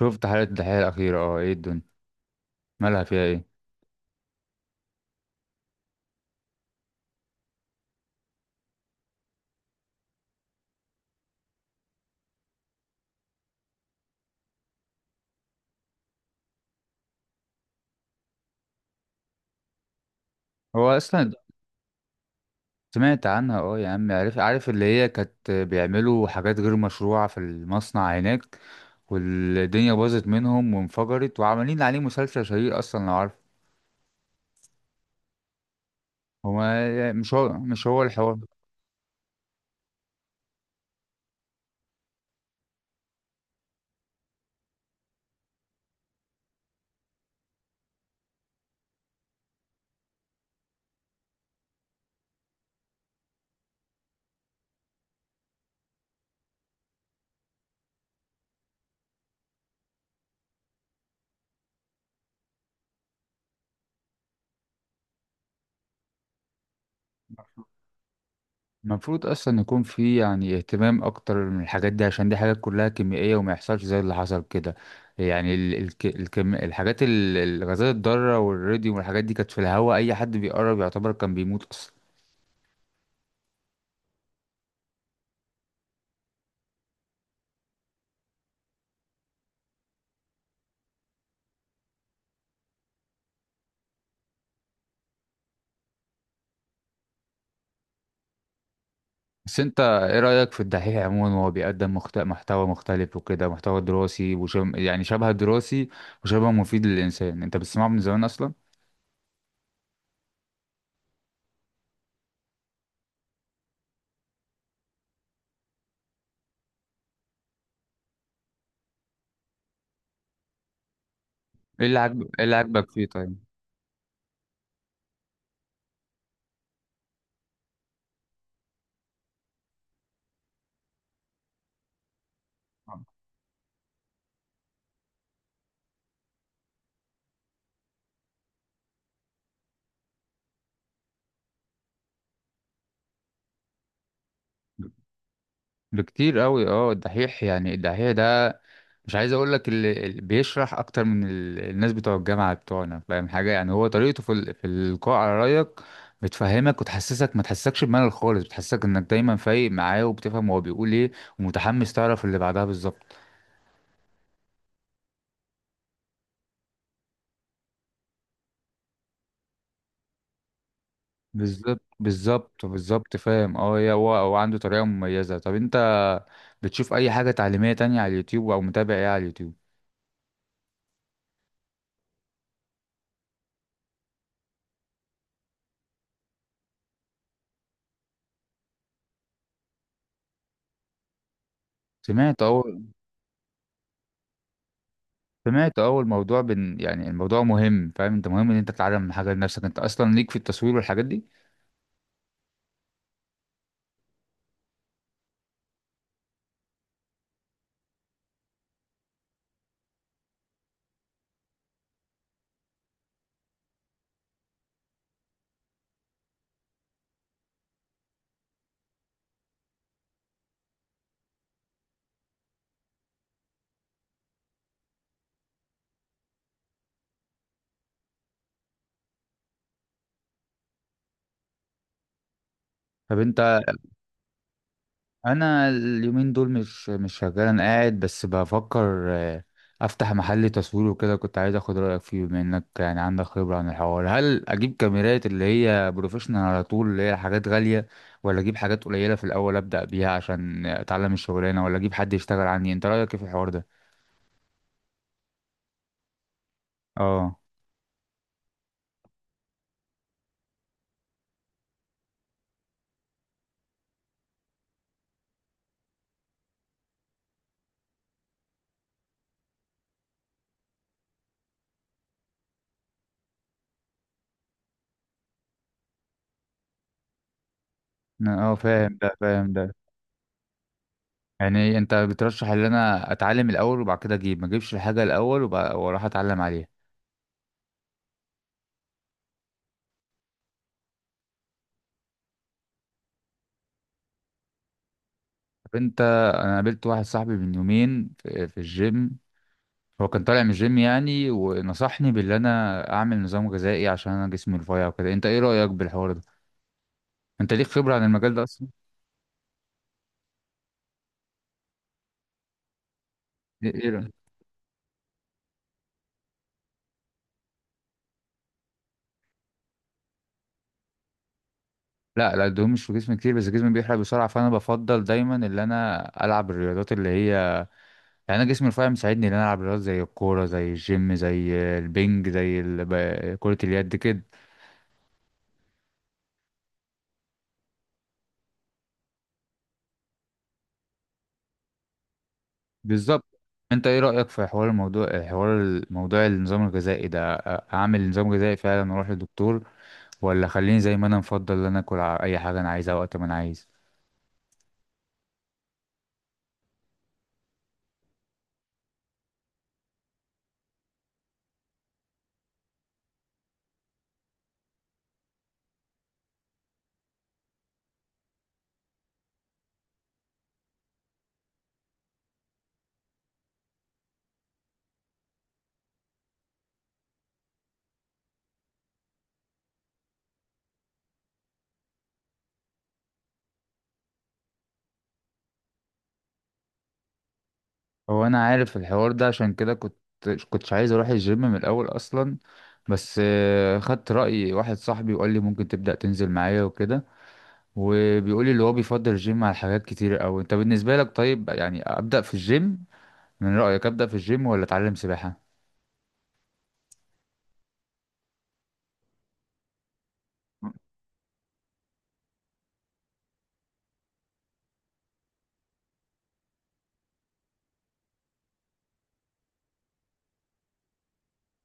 شفت حلقة الدحيح الأخيرة، اه، ايه الدنيا مالها فيها ايه؟ هو أصلا سمعت عنها؟ اه يا عم، عارف عارف اللي هي كانت بيعملوا حاجات غير مشروعة في المصنع هناك، والدنيا باظت منهم وانفجرت، وعمالين عليه مسلسل شهير أصلا لو عارف. هو مش هو الحوار. المفروض اصلا يكون في يعني اهتمام اكتر من الحاجات دي، عشان دي حاجات كلها كيميائيه وما يحصلش زي اللي حصل كده. يعني ال الك الكم الحاجات الغازات الضاره والراديوم والحاجات دي كانت في الهواء، اي حد بيقرب يعتبر كان بيموت اصلا. بس انت ايه رايك في الدحيح عموما وهو بيقدم محتوى مختلف وكده، محتوى دراسي يعني شبه دراسي وشبه مفيد للانسان؟ انت بتسمعه من زمان اصلا؟ ايه اللي عاجبك ايه اللي عاجبك فيه طيب؟ بكتير قوي، اه، الدحيح يعني الدحيح ده مش عايز اقول لك اللي بيشرح اكتر من الناس بتوع الجامعه بتوعنا، فاهم حاجه؟ يعني هو طريقته في القاء على رايك بتفهمك وتحسسك، ما تحسسكش بملل خالص، بتحسسك انك دايما فايق معاه وبتفهم هو بيقول ايه، ومتحمس تعرف اللي بعدها. بالظبط بالظبط بالظبط بالظبط، فاهم اه يا هو عنده طريقه مميزه. طب انت بتشوف اي حاجه تعليميه تانية على اليوتيوب او متابع ايه على اليوتيوب؟ سمعت اه. سمعت اول موضوع يعني الموضوع مهم، فاهم انت؟ مهم ان انت تتعلم حاجه لنفسك، انت اصلا ليك في التصوير والحاجات دي. طب انت، انا اليومين دول مش شغال، انا قاعد بس بفكر، افتح محل تصوير وكده. كنت عايز اخد رايك فيه بما انك يعني عندك خبره عن الحوار. هل اجيب كاميرات اللي هي بروفيشنال على طول اللي هي حاجات غاليه، ولا اجيب حاجات قليله في الاول ابدا بيها عشان اتعلم الشغلانه، ولا اجيب حد يشتغل عني؟ انت رايك ايه في الحوار ده؟ اه اه، فاهم ده فاهم ده. يعني انت بترشح ان انا اتعلم الاول وبعد كده اجيب، ما اجيبش الحاجه الاول واروح اتعلم عليها؟ طب انت، انا قابلت واحد صاحبي من يومين في الجيم، هو كان طالع من الجيم يعني ونصحني باللي انا اعمل نظام غذائي عشان انا جسمي رفيع وكده. انت ايه رايك بالحوار ده؟ انت ليك خبره عن المجال ده اصلا؟ إيه رأيك؟ لا لا، الدهون مش في جسمي كتير بس جسمي بيحرق بسرعه، فانا بفضل دايما ان انا العب الرياضات اللي هي يعني، انا جسمي رفيع مساعدني ان انا العب رياضات زي الكوره زي الجيم زي البنج زي كره اليد كده. بالظبط. انت ايه رأيك في حوار الموضوع، حوار الموضوع النظام الغذائي ده؟ اعمل نظام غذائي فعلا واروح للدكتور، ولا خليني زي ما انا مفضل ان انا اكل اي حاجة انا عايزها وقت ما انا عايز؟ هو انا عارف الحوار ده، عشان كده كنت كنتش عايز اروح الجيم من الاول اصلا. بس خدت رأي واحد صاحبي وقال لي ممكن تبدأ تنزل معايا وكده، وبيقول لي اللي هو بيفضل الجيم على حاجات كتير قوي. انت بالنسبة لك طيب يعني ابدأ في الجيم، من رأيك ابدأ في الجيم ولا اتعلم سباحة؟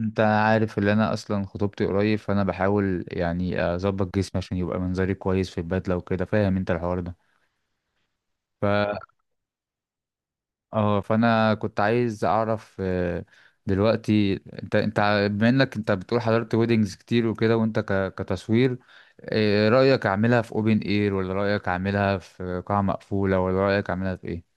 انت عارف ان انا اصلا خطوبتي قريب، فانا بحاول يعني اظبط جسمي عشان يبقى منظري كويس في البدله وكده، فاهم انت الحوار ده؟ ف اه فانا كنت عايز اعرف، دلوقتي، انت بما انك انت بتقول حضرت ويدنجز كتير وكده، وانت كتصوير، رايك اعملها في اوبن اير، ولا رايك اعملها في قاعه مقفوله، ولا رايك اعملها في ايه؟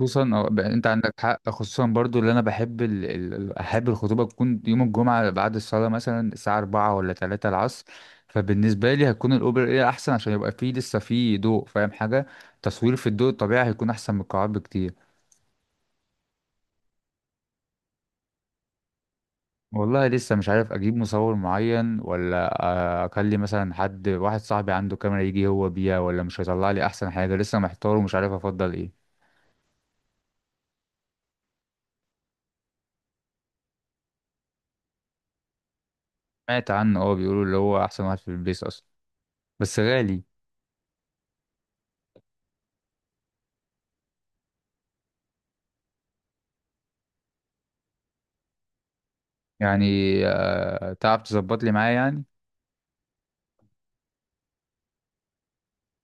خصوصا انت عندك حق، خصوصا برضو اللي انا بحب احب الخطوبه تكون يوم الجمعه بعد الصلاه مثلا الساعه 4 ولا 3 العصر. فبالنسبه لي هتكون الاوبر ايه احسن، عشان يبقى فيه لسه فيه ضوء، فاهم حاجه؟ تصوير في الضوء الطبيعي هيكون احسن من القاعات بكتير. والله لسه مش عارف اجيب مصور معين، ولا اكلم مثلا حد واحد صاحبي عنده كاميرا يجي هو بيها، ولا مش هيطلع لي احسن حاجه، لسه محتار ومش عارف افضل ايه. سمعت عنه اه، بيقولوا اللي هو احسن واحد في البيس اصلا بس غالي. يعني، تعرف تظبط لي معاه يعني؟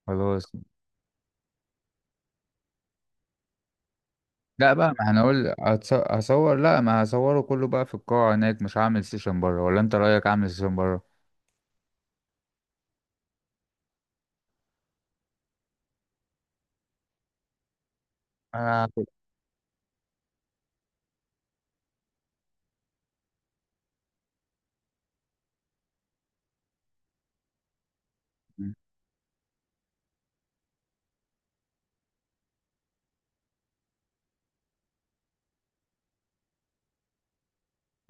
خلاص. لا بقى، ما هنقول هصور، لا، ما هصوره كله بقى في القاعة هناك، مش هعمل سيشن بره. ولا انت رأيك اعمل سيشن بره؟ انا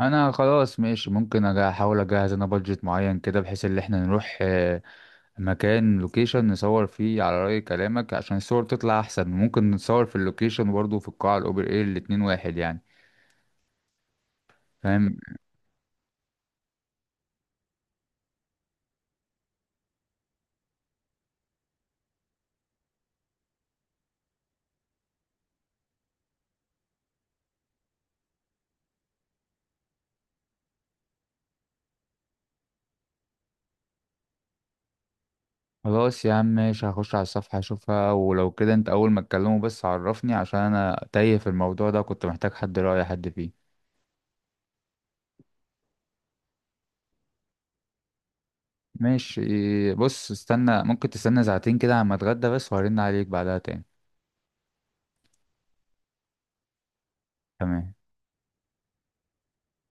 انا خلاص ماشي، ممكن احاول اجهز انا بادجت معين كده، بحيث ان احنا نروح، مكان لوكيشن نصور فيه على رأي كلامك عشان الصور تطلع احسن، ممكن نصور في اللوكيشن برضه في القاعة الاوبن اير، الاتنين واحد يعني. فاهم. خلاص يا عم ماشي، هخش على الصفحة اشوفها، ولو كده انت اول ما تكلمه بس عرفني، عشان انا تايه في الموضوع ده، كنت محتاج حد، رأي حد فيه. ماشي. بص استنى، ممكن تستنى ساعتين كده عما اتغدى بس، وهرن عليك بعدها تاني. تمام.